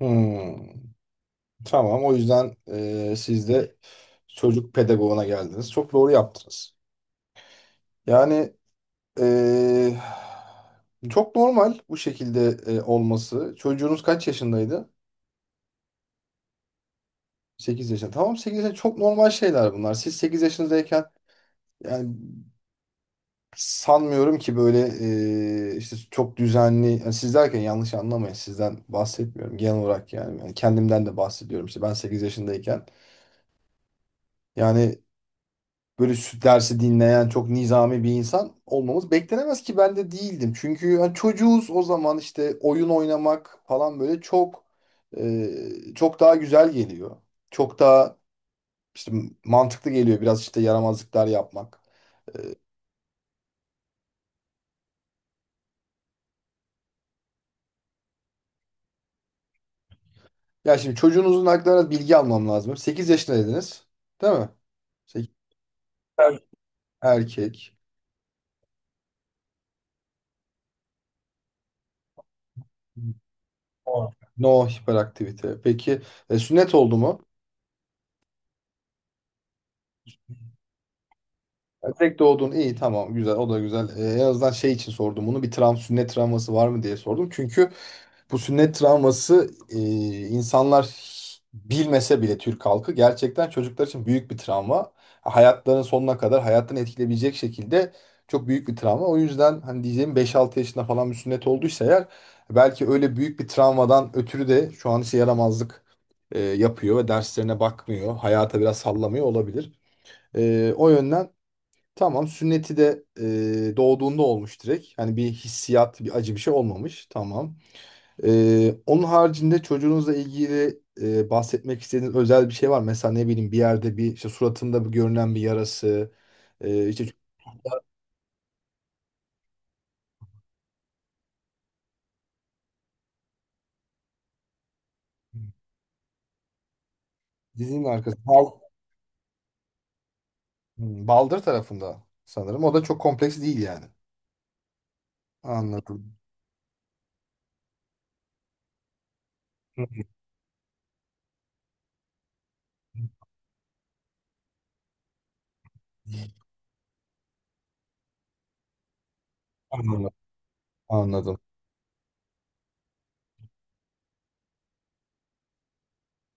Hmm, tamam. O yüzden siz de çocuk pedagoğuna geldiniz. Çok doğru yaptınız. Yani e, çok normal bu şekilde olması. Çocuğunuz kaç yaşındaydı? 8 yaşında. Tamam, 8 yaşında çok normal şeyler bunlar. Siz 8 yaşındayken yani sanmıyorum ki böyle işte çok düzenli. Yani siz derken yanlış anlamayın. Sizden bahsetmiyorum, genel olarak yani. Yani kendimden de bahsediyorum. İşte ben 8 yaşındayken yani böyle dersi dinleyen çok nizami bir insan olmamız beklenemez ki, ben de değildim. Çünkü hani çocuğuz o zaman, işte oyun oynamak falan böyle çok çok daha güzel geliyor. Çok daha işte mantıklı geliyor biraz, işte yaramazlıklar yapmak. Ya şimdi çocuğunuzun aklına bilgi almam lazım. 8 yaşında dediniz. Değil mi? 8. Evet. Erkek. No hiperaktivite. Peki, sünnet oldu mu? Tek doğdun, iyi, tamam, güzel, o da güzel. En azından şey için sordum bunu, bir travma, sünnet travması var mı diye sordum. Çünkü bu sünnet travması, insanlar bilmese bile Türk halkı gerçekten çocuklar için büyük bir travma. Hayatlarının sonuna kadar hayatını etkileyebilecek şekilde çok büyük bir travma. O yüzden hani diyeceğim, beş 6 yaşında falan bir sünnet olduysa eğer, belki öyle büyük bir travmadan ötürü de şu an işe yaramazlık yapıyor ve derslerine bakmıyor. Hayata biraz sallamıyor olabilir. O yönden tamam, sünneti de doğduğunda olmuş direkt. Hani bir hissiyat, bir acı, bir şey olmamış. Tamam. Onun haricinde çocuğunuzla ilgili bahsetmek istediğiniz özel bir şey var mı? Mesela ne bileyim, bir yerde bir işte suratında bir görünen bir yarası. İşte dizinin arkası. Baldır tarafında sanırım. O da çok kompleks değil yani. Anladım. Hı. Anladım. Anladım.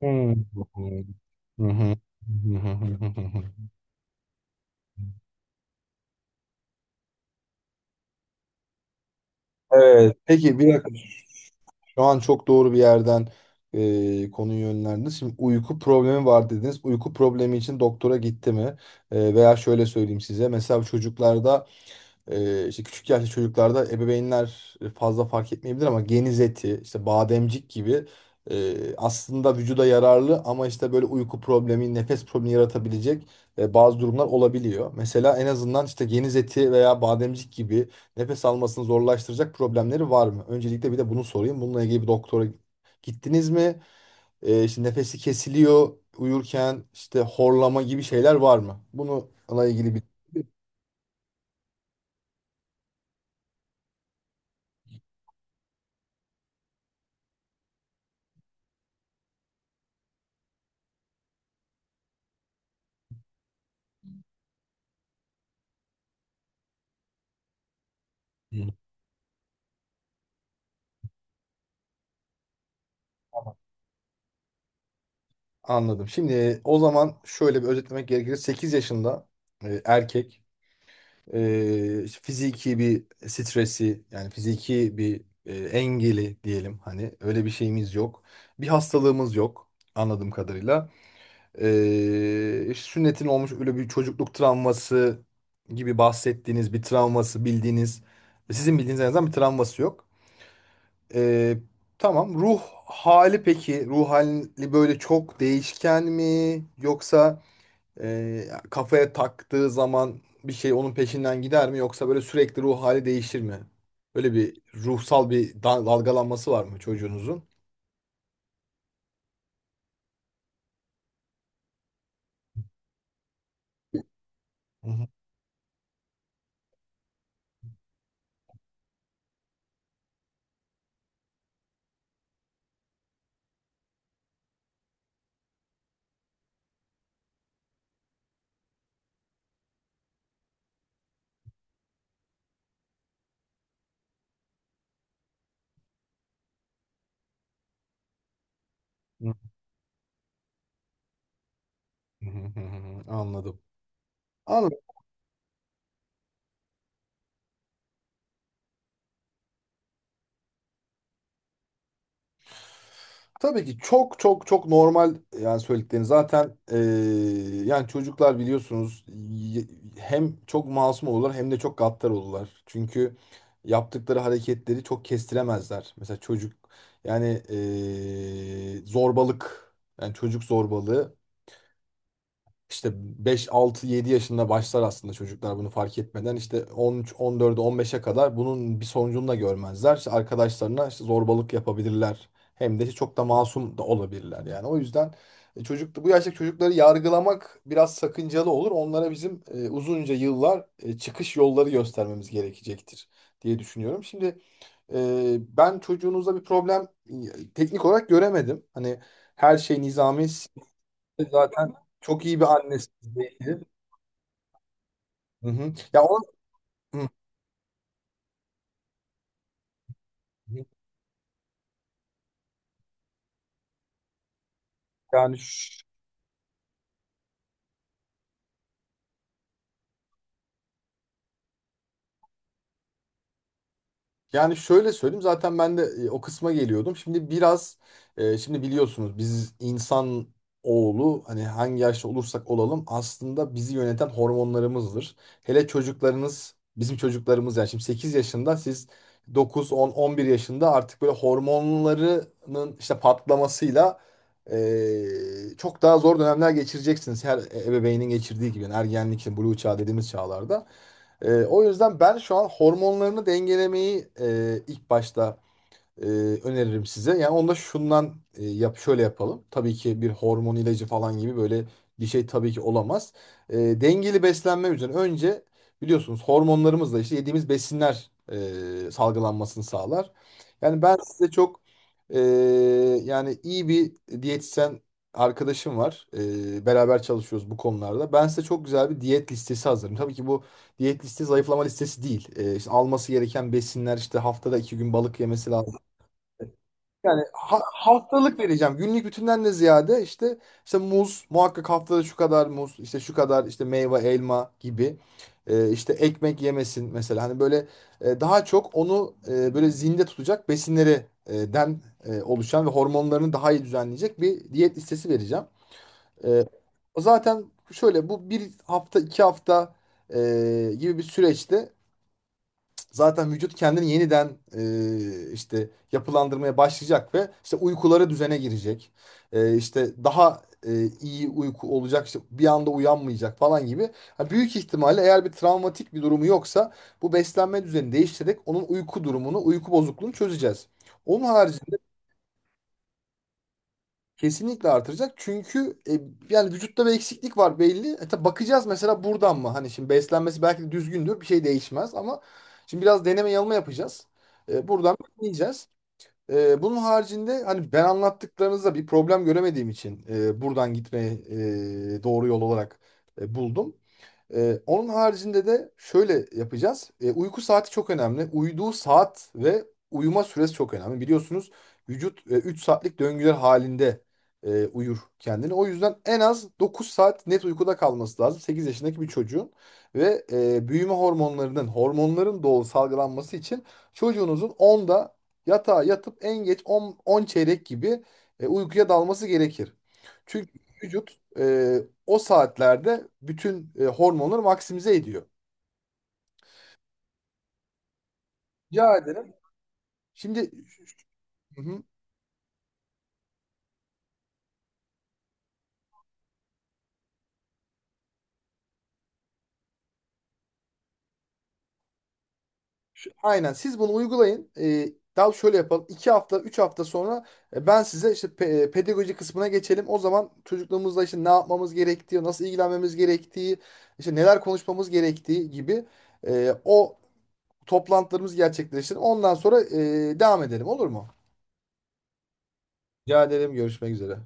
Hmm. Hı hı. Hı hı. Hı hı hı hı hı. Evet. Peki, bir dakika. Şu an çok doğru bir yerden konuyu yönlendiniz. Şimdi uyku problemi var dediniz. Uyku problemi için doktora gitti mi? Veya şöyle söyleyeyim size. Mesela çocuklarda, işte küçük yaşlı çocuklarda ebeveynler fazla fark etmeyebilir ama geniz eti, işte bademcik gibi, aslında vücuda yararlı ama işte böyle uyku problemi, nefes problemi yaratabilecek bazı durumlar olabiliyor. Mesela en azından işte geniz eti veya bademcik gibi nefes almasını zorlaştıracak problemleri var mı? Öncelikle bir de bunu sorayım. Bununla ilgili bir doktora gittiniz mi? İşte nefesi kesiliyor uyurken, işte horlama gibi şeyler var mı? Bununla ilgili bir... Hı. Anladım. Şimdi o zaman şöyle bir özetlemek gerekirse, 8 yaşında erkek, işte fiziki bir stresi, yani fiziki bir engeli diyelim, hani öyle bir şeyimiz yok. Bir hastalığımız yok anladığım kadarıyla. İşte sünnetin olmuş, öyle bir çocukluk travması gibi bahsettiğiniz bir travması, bildiğiniz sizin bildiğiniz en azından bir travması yok. E, tamam, ruh hali, peki ruh hali böyle çok değişken mi yoksa kafaya taktığı zaman bir şey onun peşinden gider mi, yoksa böyle sürekli ruh hali değişir mi? Böyle bir ruhsal bir dalgalanması var mı çocuğunuzun? Hı hı. Hı hı hı hı. Anladım. Anladım. Tabii ki çok çok çok normal, yani söylediklerini zaten, yani çocuklar biliyorsunuz hem çok masum olurlar hem de çok gaddar olurlar. Çünkü yaptıkları hareketleri çok kestiremezler. Mesela çocuk, yani zorbalık, yani çocuk zorbalığı işte 5, 6, 7 yaşında başlar aslında, çocuklar bunu fark etmeden. İşte 13, 14'e, 15'e kadar bunun bir sonucunu da görmezler. İşte arkadaşlarına işte zorbalık yapabilirler. Hem de işte çok da masum da olabilirler yani. O yüzden çocuk, bu yaştaki çocukları yargılamak biraz sakıncalı olur. Onlara bizim uzunca yıllar çıkış yolları göstermemiz gerekecektir diye düşünüyorum. Şimdi ben çocuğunuzda bir problem teknik olarak göremedim. Hani her şey nizami. Zaten çok iyi bir annesiz belki. Hı hı. Ya o. Hı hı. Yani. Yani şöyle söyleyeyim, zaten ben de o kısma geliyordum. Şimdi biraz, şimdi biliyorsunuz biz insan oğlu, hani hangi yaşta olursak olalım aslında bizi yöneten hormonlarımızdır. Hele çocuklarınız, bizim çocuklarımız yani, şimdi 8 yaşında, siz 9, 10, 11 yaşında artık böyle hormonlarının işte patlamasıyla çok daha zor dönemler geçireceksiniz. Her ebeveynin geçirdiği gibi, yani ergenlik, işte, blue çağ dediğimiz çağlarda. O yüzden ben şu an hormonlarını dengelemeyi, ilk başta, e, öneririm size. Yani onda şundan, yap, şöyle yapalım. Tabii ki bir hormon ilacı falan gibi böyle bir şey tabii ki olamaz. Dengeli beslenme üzerine önce, biliyorsunuz hormonlarımızla işte yediğimiz besinler salgılanmasını sağlar. Yani ben size çok e, yani iyi bir diyetisyen arkadaşım var. Beraber çalışıyoruz bu konularda. Ben size çok güzel bir diyet listesi hazırım. Tabii ki bu diyet listesi zayıflama listesi değil. İşte alması gereken besinler, işte haftada 2 gün balık yemesi lazım, yani haftalık vereceğim. Günlük bütünden de ziyade, işte muz muhakkak, haftada şu kadar muz, işte şu kadar, işte meyve, elma gibi. İşte ekmek yemesin mesela, hani böyle daha çok onu böyle zinde tutacak besinleri den oluşan ve hormonlarını daha iyi düzenleyecek bir diyet listesi vereceğim. Ee, O zaten, şöyle bu bir hafta 2 hafta gibi bir süreçte zaten vücut kendini yeniden işte yapılandırmaya başlayacak ve işte uykuları düzene girecek. İşte daha iyi uyku olacak, işte bir anda uyanmayacak falan gibi. Ha, büyük ihtimalle eğer bir travmatik bir durumu yoksa, bu beslenme düzeni değiştirerek onun uyku durumunu, uyku bozukluğunu çözeceğiz. Onun harici. Kesinlikle artıracak. Çünkü yani vücutta bir eksiklik var belli. Tabii bakacağız mesela, buradan mı? Hani şimdi beslenmesi belki de düzgündür. Bir şey değişmez ama şimdi biraz deneme yanılma yapacağız. Buradan bakmayacağız. Bunun haricinde hani ben anlattıklarınızda bir problem göremediğim için buradan gitmeyi doğru yol olarak buldum. Onun haricinde de şöyle yapacağız. Uyku saati çok önemli. Uyuduğu saat ve uyuma süresi çok önemli. Biliyorsunuz vücut 3 saatlik döngüler halinde uyur kendini. O yüzden en az 9 saat net uykuda kalması lazım. 8 yaşındaki bir çocuğun ve büyüme hormonlarının, hormonların doğal salgılanması için çocuğunuzun 10'da yatağa yatıp en geç 10 10 çeyrek gibi uykuya dalması gerekir. Vücut o saatlerde bütün hormonları maksimize ediyor. Rica ederim. Şimdi. Hı hı. Aynen, siz bunu uygulayın. Daha şöyle yapalım. 2 hafta, 3 hafta sonra ben size işte, pedagoji kısmına geçelim. O zaman çocukluğumuzda işte ne yapmamız gerektiği, nasıl ilgilenmemiz gerektiği, işte neler konuşmamız gerektiği gibi o toplantılarımız gerçekleşir. Ondan sonra devam edelim, olur mu? Rica ederim. Görüşmek üzere.